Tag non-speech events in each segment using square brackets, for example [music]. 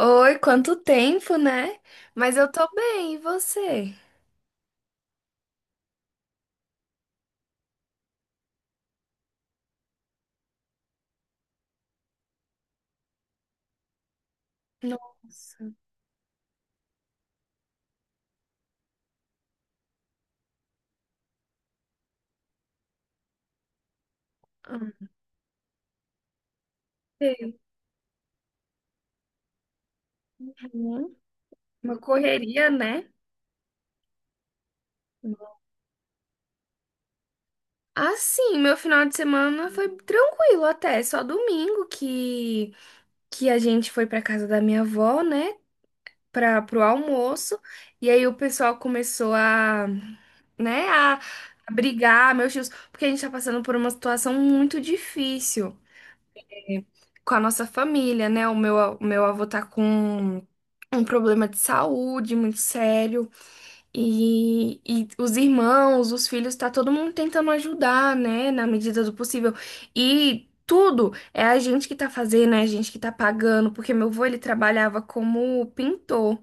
Oi, quanto tempo, né? Mas eu tô bem, e você? Nossa. Ah, sei. Uhum. Uma correria, né? Ah, sim, meu final de semana foi tranquilo até, só domingo que a gente foi pra casa da minha avó, né, para pro almoço, e aí o pessoal começou a, né, a brigar, meus tios, porque a gente tá passando por uma situação muito difícil com a nossa família, né? O meu, o meu avô tá com um problema de saúde muito sério e os irmãos, os filhos, tá todo mundo tentando ajudar, né? Na medida do possível. E tudo é a gente que tá fazendo, é a gente que tá pagando, porque meu avô ele trabalhava como pintor.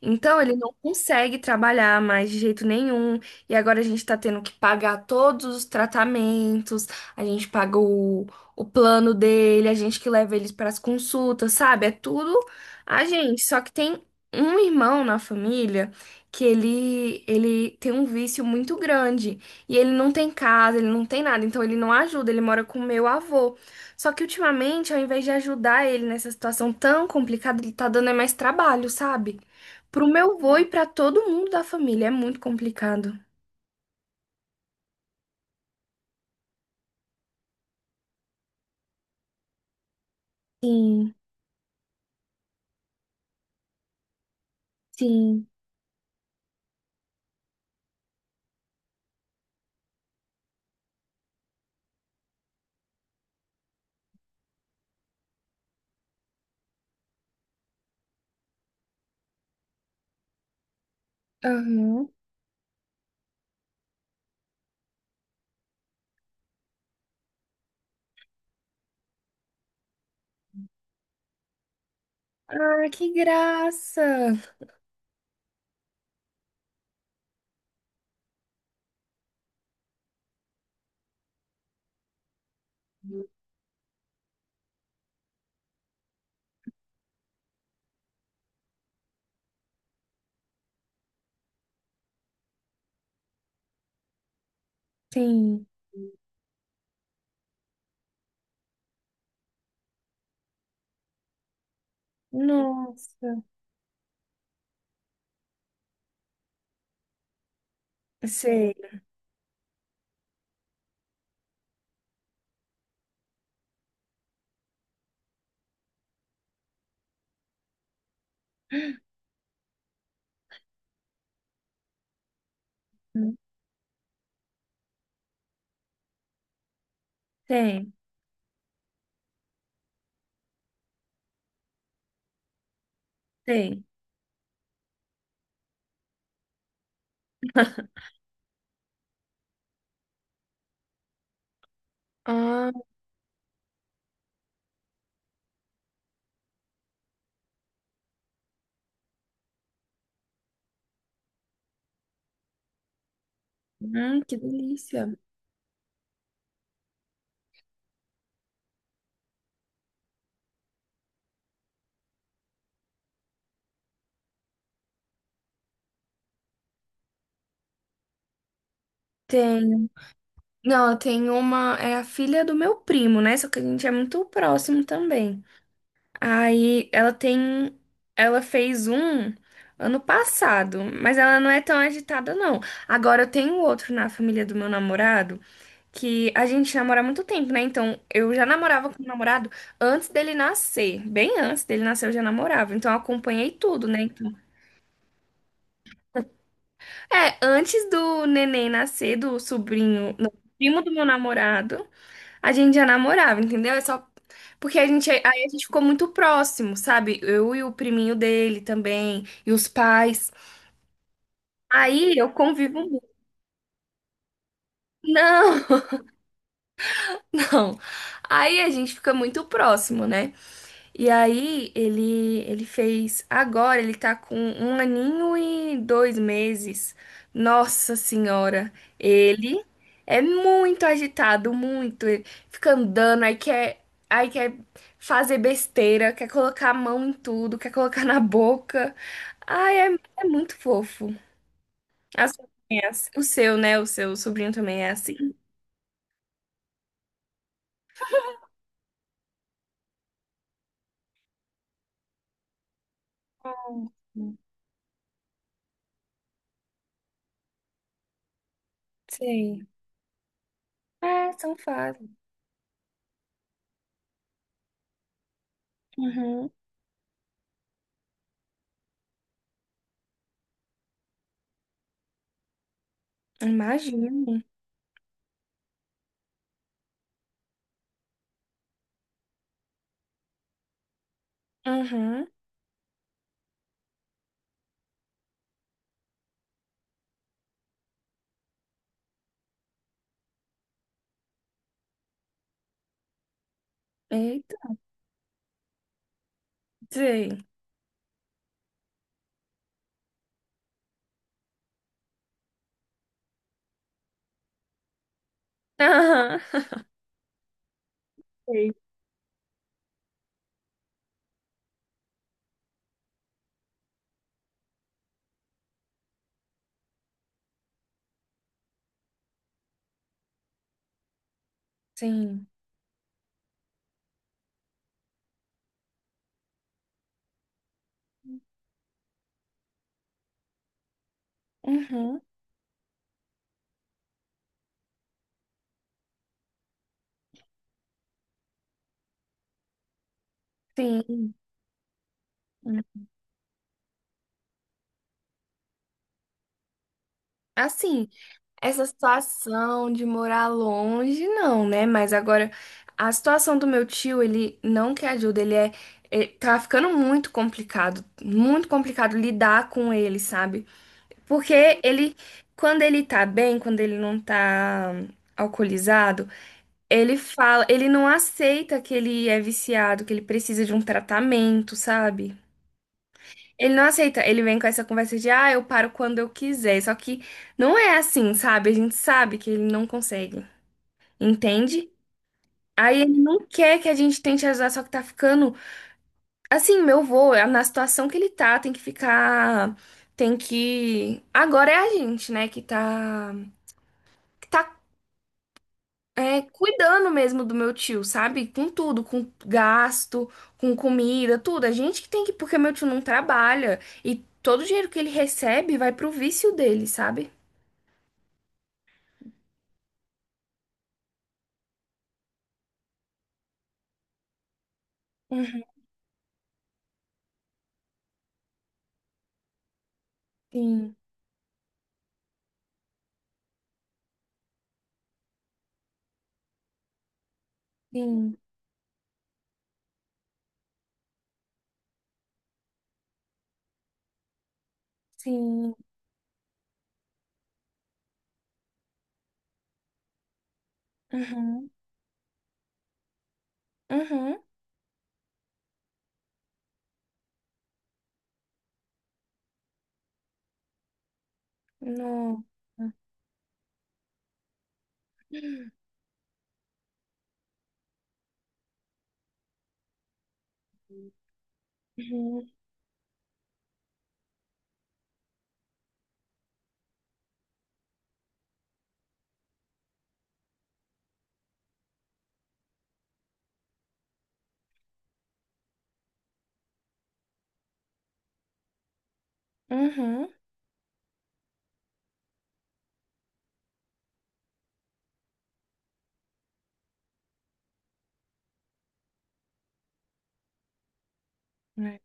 Então, ele não consegue trabalhar mais de jeito nenhum. E agora a gente tá tendo que pagar todos os tratamentos, a gente paga o plano dele, a gente que leva eles para as consultas, sabe? É tudo a gente. Só que tem um irmão na família que ele tem um vício muito grande. E ele não tem casa, ele não tem nada. Então, ele não ajuda, ele mora com o meu avô. Só que ultimamente, ao invés de ajudar ele nessa situação tão complicada, ele tá dando é mais trabalho, sabe? Pro meu avô e pra todo mundo da família. É muito complicado. Sim, sim. Aham. Ah, que graça! Sim. Nossa. Sei. Tem, tem. Ah, que delícia. Tem. Não, tem uma. É a filha do meu primo, né? Só que a gente é muito próximo também. Aí ela tem. Ela fez um ano passado, mas ela não é tão agitada, não. Agora eu tenho outro na família do meu namorado, que a gente namora há muito tempo, né? Então, eu já namorava com o namorado antes dele nascer. Bem antes dele nascer, eu já namorava. Então, eu acompanhei tudo, né? Então, é, antes do neném nascer, do sobrinho, não, primo do meu namorado, a gente já namorava, entendeu? É só porque a gente, aí a gente ficou muito próximo, sabe? Eu e o priminho dele também, e os pais. Aí eu convivo muito. Não, [laughs] não. Aí a gente fica muito próximo, né? E aí ele fez. Agora ele tá com um aninho e dois meses. Nossa senhora, ele é muito agitado, muito. Ele fica andando, aí quer fazer besteira, quer colocar a mão em tudo, quer colocar na boca. Ai, é, é muito fofo. A sua também é assim. O seu, né? O seu sobrinho também é assim. Hum. Sei. É, são fases. Uhum. Imagino. Uhum. Eita. Sei. Aham. Sei. Sim. Uhum. Sim. Hum. Assim, essa situação de morar longe, não, né? Mas agora, a situação do meu tio, ele não quer ajuda, ele é. É- tá ficando muito complicado lidar com ele, sabe? Porque ele, quando ele tá bem, quando ele não tá alcoolizado, ele fala, ele não aceita que ele é viciado, que ele precisa de um tratamento, sabe? Ele não aceita, ele vem com essa conversa de, ah, eu paro quando eu quiser. Só que não é assim, sabe? A gente sabe que ele não consegue, entende? Aí ele não quer que a gente tente ajudar, só que tá ficando. Assim, meu vô, é na situação que ele tá, tem que ficar. Tem que. Agora é a gente, né, que tá. Que tá é, cuidando mesmo do meu tio, sabe? Com tudo, com gasto, com comida, tudo. A gente que tem que. Porque meu tio não trabalha. E todo o dinheiro que ele recebe vai pro vício dele, sabe? Uhum. Sim, sim, sim. Uhum. Uhum. Não. Uhum. Uhum. É.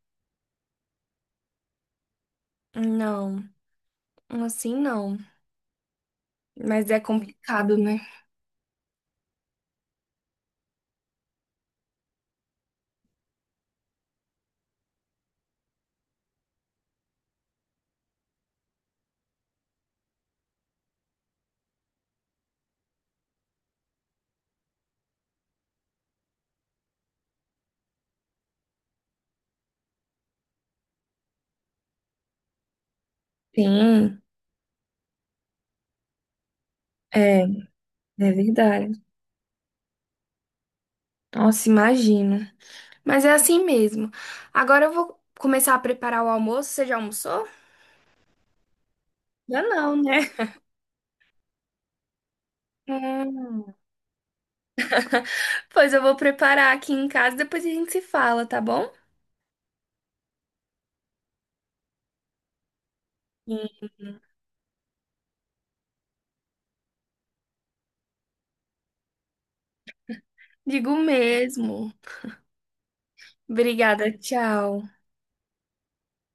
Não, assim não. Mas é complicado, né? Sim, é, é verdade. Nossa, imagino. Mas é assim mesmo. Agora eu vou começar a preparar o almoço. Você já almoçou? Já não, né? Hum. Pois eu vou preparar aqui em casa, depois a gente se fala, tá bom? Sim. Digo mesmo. Obrigada, tchau.